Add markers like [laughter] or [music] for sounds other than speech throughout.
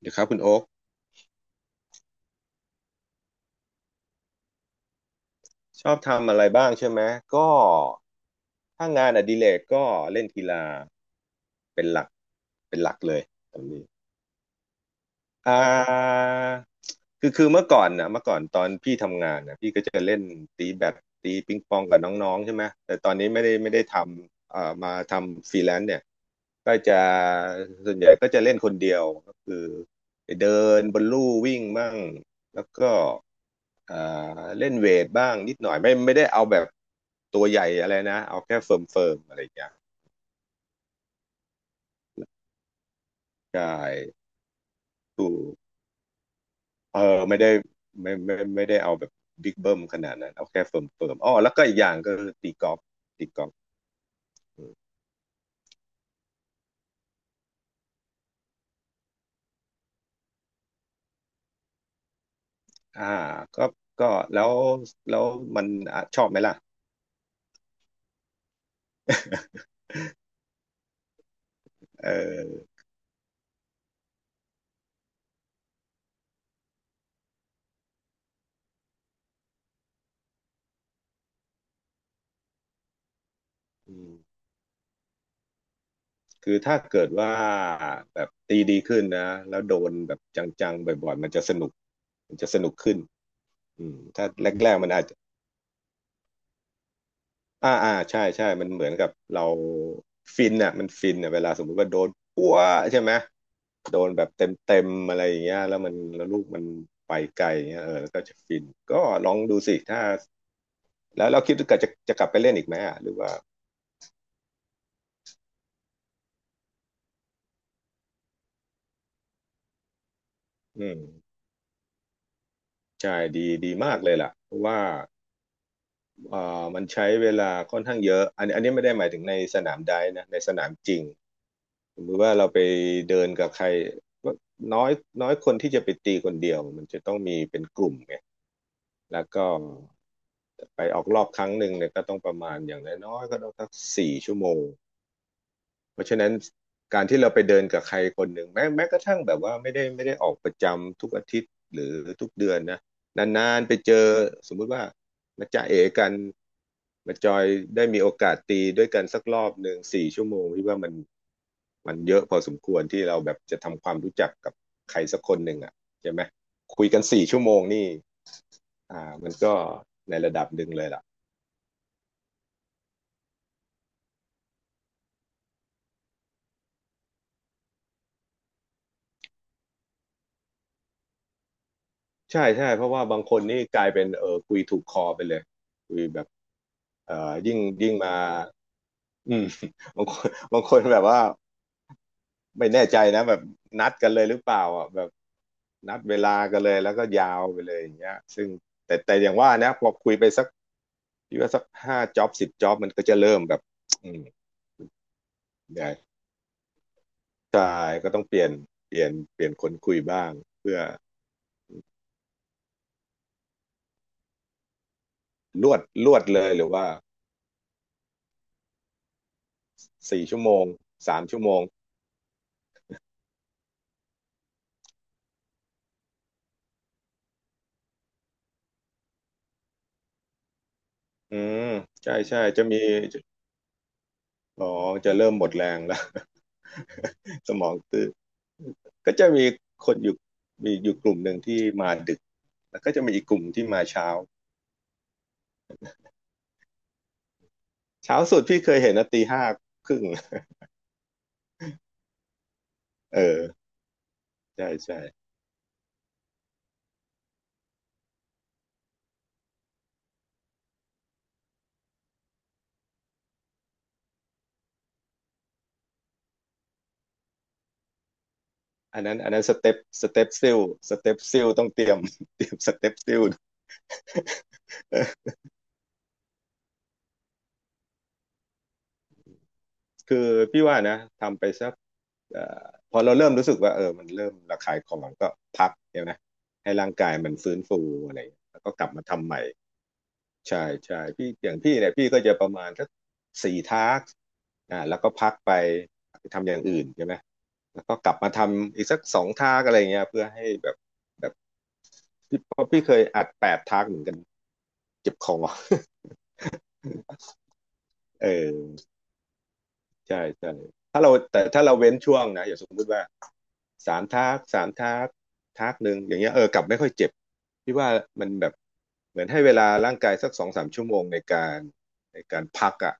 เดี๋ยวครับคุณโอ๊คชอบทำอะไรบ้างใช่ไหมก็ถ้างานอดิเรกก็เล่นกีฬาเป็นหลักเป็นหลักเลยตรงนี้อ่าคือเมื่อก่อนตอนพี่ทำงานนะพี่ก็จะเล่นตีแบดตีปิงปองกับน้องๆใช่ไหมแต่ตอนนี้ไม่ได้ทำมาทำฟรีแลนซ์เนี่ยก็จะส่วนใหญ่ก็จะเล่นคนเดียวก็คือไปเดินบนลู่วิ่งมั่งแล้วก็ เอ่เล่นเวทบ้างนิดหน่อยไม่ได้เอาแบบตัวใหญ่อะไรนะเอาแค่เฟิร์มเฟิร์มอะไรอย่างเงี้ยใช่ดูกเออไม่ได้ไม่ได้เอาแบบบิ๊กเบิ้มขนาดนั้นเอาแค่เฟิร์มเฟิร์มอ๋อแล้วก็อีกอย่างก็คือตีกอล์ฟอ่าก็ก็แล้วแล้วมันอ่ะชอบไหมล่ะเอออืมคือถ้าเกิดว่าแบบตีดีขึ้นนะแล้วโดนแบบจังๆบ่อยๆมันจะสนุกขึ้นถ้าแรกๆมันอาจ อ่าอ่าใช่ใช่มันเหมือนกับเราฟินอ่ะมันฟินอ่ะเวลาสมมุติว่าโดนปั้วใช่ไหมโดนแบบเต็มเต็มอะไรอย่างเงี้ยแล้วลูกมันไปไกลอย่างเงี้ยเออแล้วก็จะฟินก็ลองดูสิถ้าแล้วเราคิดว่าจะกลับไปเล่นอีกไหมอ่ะหรือว่าอืมใช่ดีดีมากเลยล่ะเพราะว่ามันใช้เวลาค่อนข้างเยอะอันนี้ไม่ได้หมายถึงในสนามไดฟ์นะในสนามจริงสมมติว่าเราไปเดินกับใครน้อยน้อยคนที่จะไปตีคนเดียวมันจะต้องมีเป็นกลุ่มไง แล้วก็ไปออกรอบครั้งหนึ่งเนี่ยก็ต้องประมาณอย่างน้อยๆก็ต้องสักสี่ชั่วโมงเพราะฉะนั้นการที่เราไปเดินกับใครคนหนึ่งแม้กระทั่งแบบว่าไม่ได้ออกประจำทุกอาทิตย์หรือทุกเดือนนะนานๆไปเจอสมมุติว่ามาจะเอกันมาจอยได้มีโอกาสตีด้วยกันสักรอบหนึ่งสี่ชั่วโมงพี่ว่ามันมันเยอะพอสมควรที่เราแบบจะทำความรู้จักกับใครสักคนหนึ่งอ่ะใช่ไหมคุยกันสี่ชั่วโมงนี่ มันก็ในระดับหนึ่งเลยล่ะใช่ใช่เพราะว่าบางคนนี่กลายเป็นเออคุยถูกคอไปเลยคุยแบบยิ่งยิ่งมาอืม [laughs] บางคนบางคนแบบว่าไม่แน่ใจนะแบบนัดกันเลยหรือเปล่าอ่ะแบบนัดเวลากันเลยแล้วก็ยาวไปเลยอย่างเงี้ยซึ่งแต่อย่างว่านะพอคุยไปสักพี่ว่าสัก5 จ็อบ10 จ็อบมันก็จะเริ่มแบบอืมใช่ใช่ก็ต้องเปลี่ยนคนคุยบ้างเพื่อลวดเลยหรือว่า สี่ชั่วโมง3 ชั่วโมงอืมใช่ใช่จะมีอ๋อจะเริ่มหมดแรงแล้ว [laughs] สมองตื้อก็จะมีคนอยู่มีอยู่กลุ่มหนึ่งที่มาดึกแล้วก็จะมีอีกกลุ่มที่มาเช้าเช้าสุดพี่เคยเห็นนะตี 5 ครึ่ง [laughs] เออใช่ใช่อันนั้นสเต็ปซิลสเต็ปซิลต้องเตรียม [laughs] เตรียมสเต็ปซิล [laughs] คือพี่ว่านะทำไปสักเอ่อพอเราเริ่มรู้สึกว่าเออมันเริ่มระคายคอมันก็พักเนี่ยนะให้ร่างกายมันฟื้นฟูอะไรอย่างเงี้ยแล้วก็กลับมาทำใหม่ใช่ใช่พี่อย่างพี่เนี่ยพี่ก็จะประมาณสัก4 ทาร์กแล้วก็พักไปทำอย่างอื่นใช่ไหมแล้วก็กลับมาทำอีกสัก2 ทาร์กอะไรเงี้ยเพื่อให้แบบแบบพี่เพราะพี่เคยอัด8 ทาร์กเหมือนกันเจ็บคอ [laughs] เออ ใช่ใช่ถ้าเราแต่ถ้าเราเว้นช่วงนะอย่างสมมุติว่าสามทักสามทักทักหนึ่งอย่างเงี้ยเออกลับไม่ค่อยเจ็บพี่ว่ามันแบบเหมือนให้เวลาร่างกายสัก2-3 ชั่วโมงในการพักอ่ะ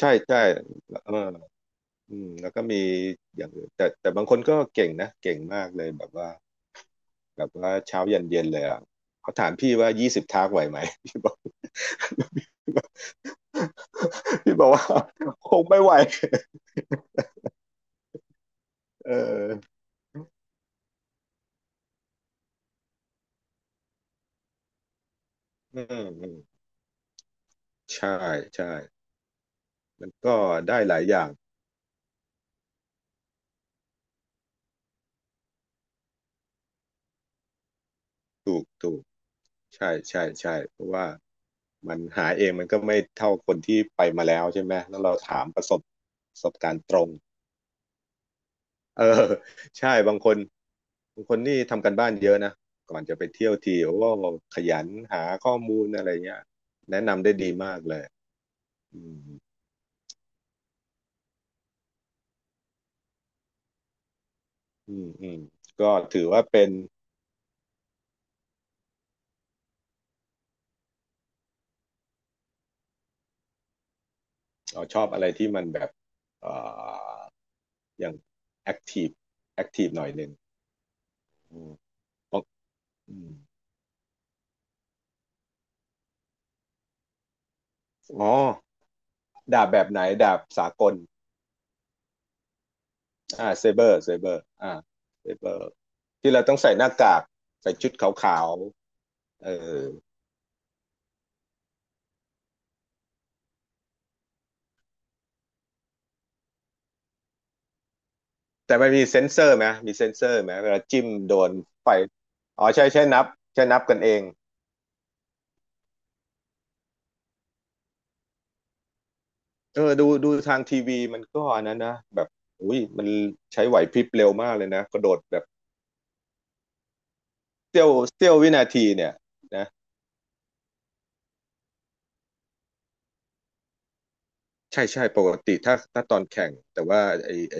ใช่ใช่เอออืมแล้วก็มีอย่างอื่นแต่บางคนก็เก่งนะเก่งมากเลยแบบว่าเช้ายันเย็นเลยอ่ะเขาถามพี่ว่า20 ทักไหวไหม [laughs] พี่บอกพี่บอกว่า [laughs] คงไม่ไหว [laughs] เอออืม ใช่ใช่ มันก็ได้หลายอย่างถูกถูกใช่ใช่ใช่เพราะว่ามันหาเองมันก็ไม่เท่าคนที่ไปมาแล้วใช่ไหมแล้วเราถามประสบการณ์ตรงเออใช่บางคนบางคนนี่ทำกันบ้านเยอะนะก่อนจะไปเที่ยวทีโอ้ขยันหาข้อมูลอะไรเงี้ยแนะนำได้ดีมากเลยอืมอืมอืมก็ถือว่าเป็นชอบอะไรที่มันแบบเอ่ออย่างแอคทีฟแอคทีฟหน่อยหนึ่ง ของอ๋อดาบแบบไหนดาบสากลเซเบอร์เซเบอร์ที่เราต้องใส่หน้ากากใส่ชุดขาวๆเออแต่มันมีเซ็นเซอร์ไหมมีเซ็นเซอร์ไหมเวลาจิ้มโดนไฟอ๋อใช่ใช่นับใช่นับกันเองเออดูดูทางทีวีมันก็อันนั้นนะแบบอุ้ยมันใช้ไหวพริบเร็วมากเลยนะกระโดดแบบเสี้ยวเสี้ยววินาทีเนี่ยนะใช่ใช่ปกติถ้าตอนแข่งแต่ว่าไอไอ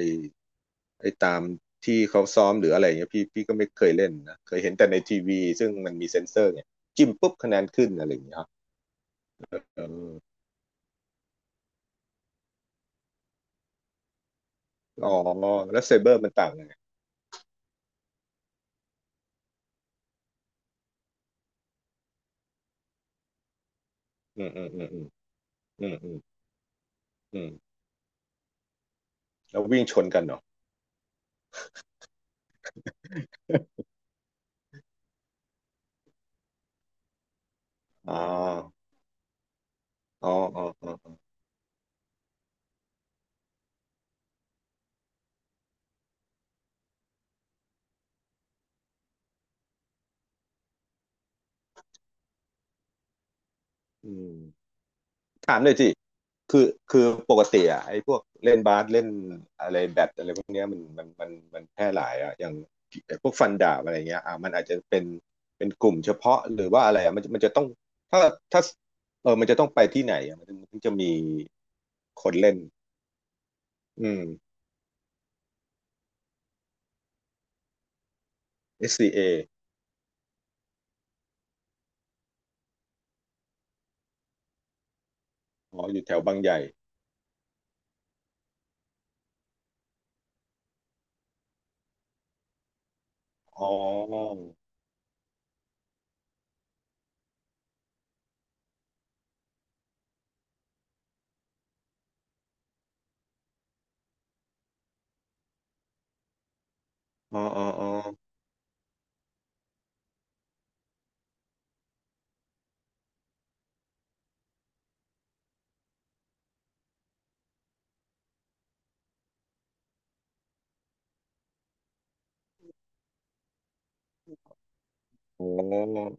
ไอ้ตามที่เขาซ้อมหรืออะไรเงี้ยพี่ก็ไม่เคยเล่นนะเคยเห็นแต่ในทีวีซึ่งมันมีเซ็นเซอร์ไยจิ้มปุ๊บคะแนนขึ้นอะไรอย่างเงี้ยครับเอออ๋อแล้วเซเบอร์มันต่างยังไงอืมอืมอืมอืมอืมอืมอืมแล้ววิ่งชนกันเหรออ๋ออ๋ออ๋ออ๋ออืม ถามเลยสิคือคือปกติอ่ะไอ้พวกเล่นบาสเล่นอะไรแบดอะไรพวกเนี้ยมันแพร่หลายอ่ะอย่างไอ้พวกฟันดาบอะไรเงี้ยอ่ะมันอาจจะเป็นเป็นกลุ่มเฉพาะหรือว่าอะไรอ่ะมันมันจะต้องถ้าถ้าเออมันจะต้องไปที่ไหนอ่ะมันถึงจะมีคนเล่นอืม SCA อสซีเออ๋ออยู่แถวบางใหญ่อ๋ออ๋อ อ๋อ อ๋อ อ๋อ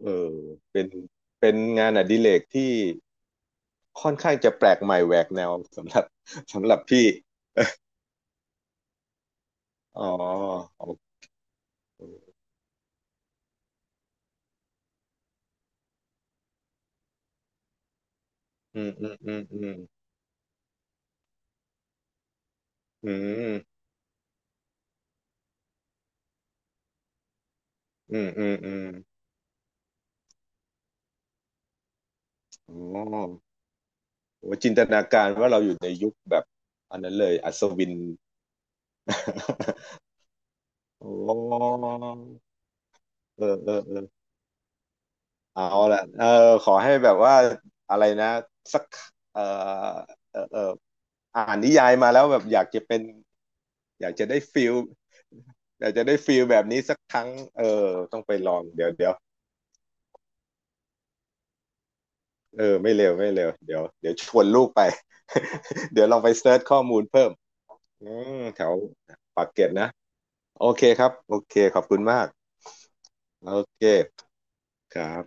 เออเป็นเป็นงานอดิเรกที่ ค่อนข้างจะแปลกใหม่แหวกแนวสำหรับ [laughs] สำหรับพี่อ๋อโอเคอืมอืมอืมอืมอืมอืมอืมอืมอ๋อโอ้จินตนาการว่าเราอยู่ในยุคแบบอันนั้นเลยอัศวิน [laughs] โอ้เออเออเออเอาละเออขอให้แบบว่าอะไรนะ สักเออเออเอออ่านนิยายมาแล้วแบบอยากจะเป็นอยากจะได้ฟิล อยากจะได้ฟิลแบบนี้สักครั้งเออต้องไปลองเดี๋ยวเดี๋ยว เออไม่เร็วไม่เร็วเดี๋ยวชวนลูกไป [laughs] เดี๋ยวลองไปเซิร์ชข้อมูลเพิ่มอืมแถวปากเกร็ดนะโอเคครับโอเคขอบคุณมากโอเคครับ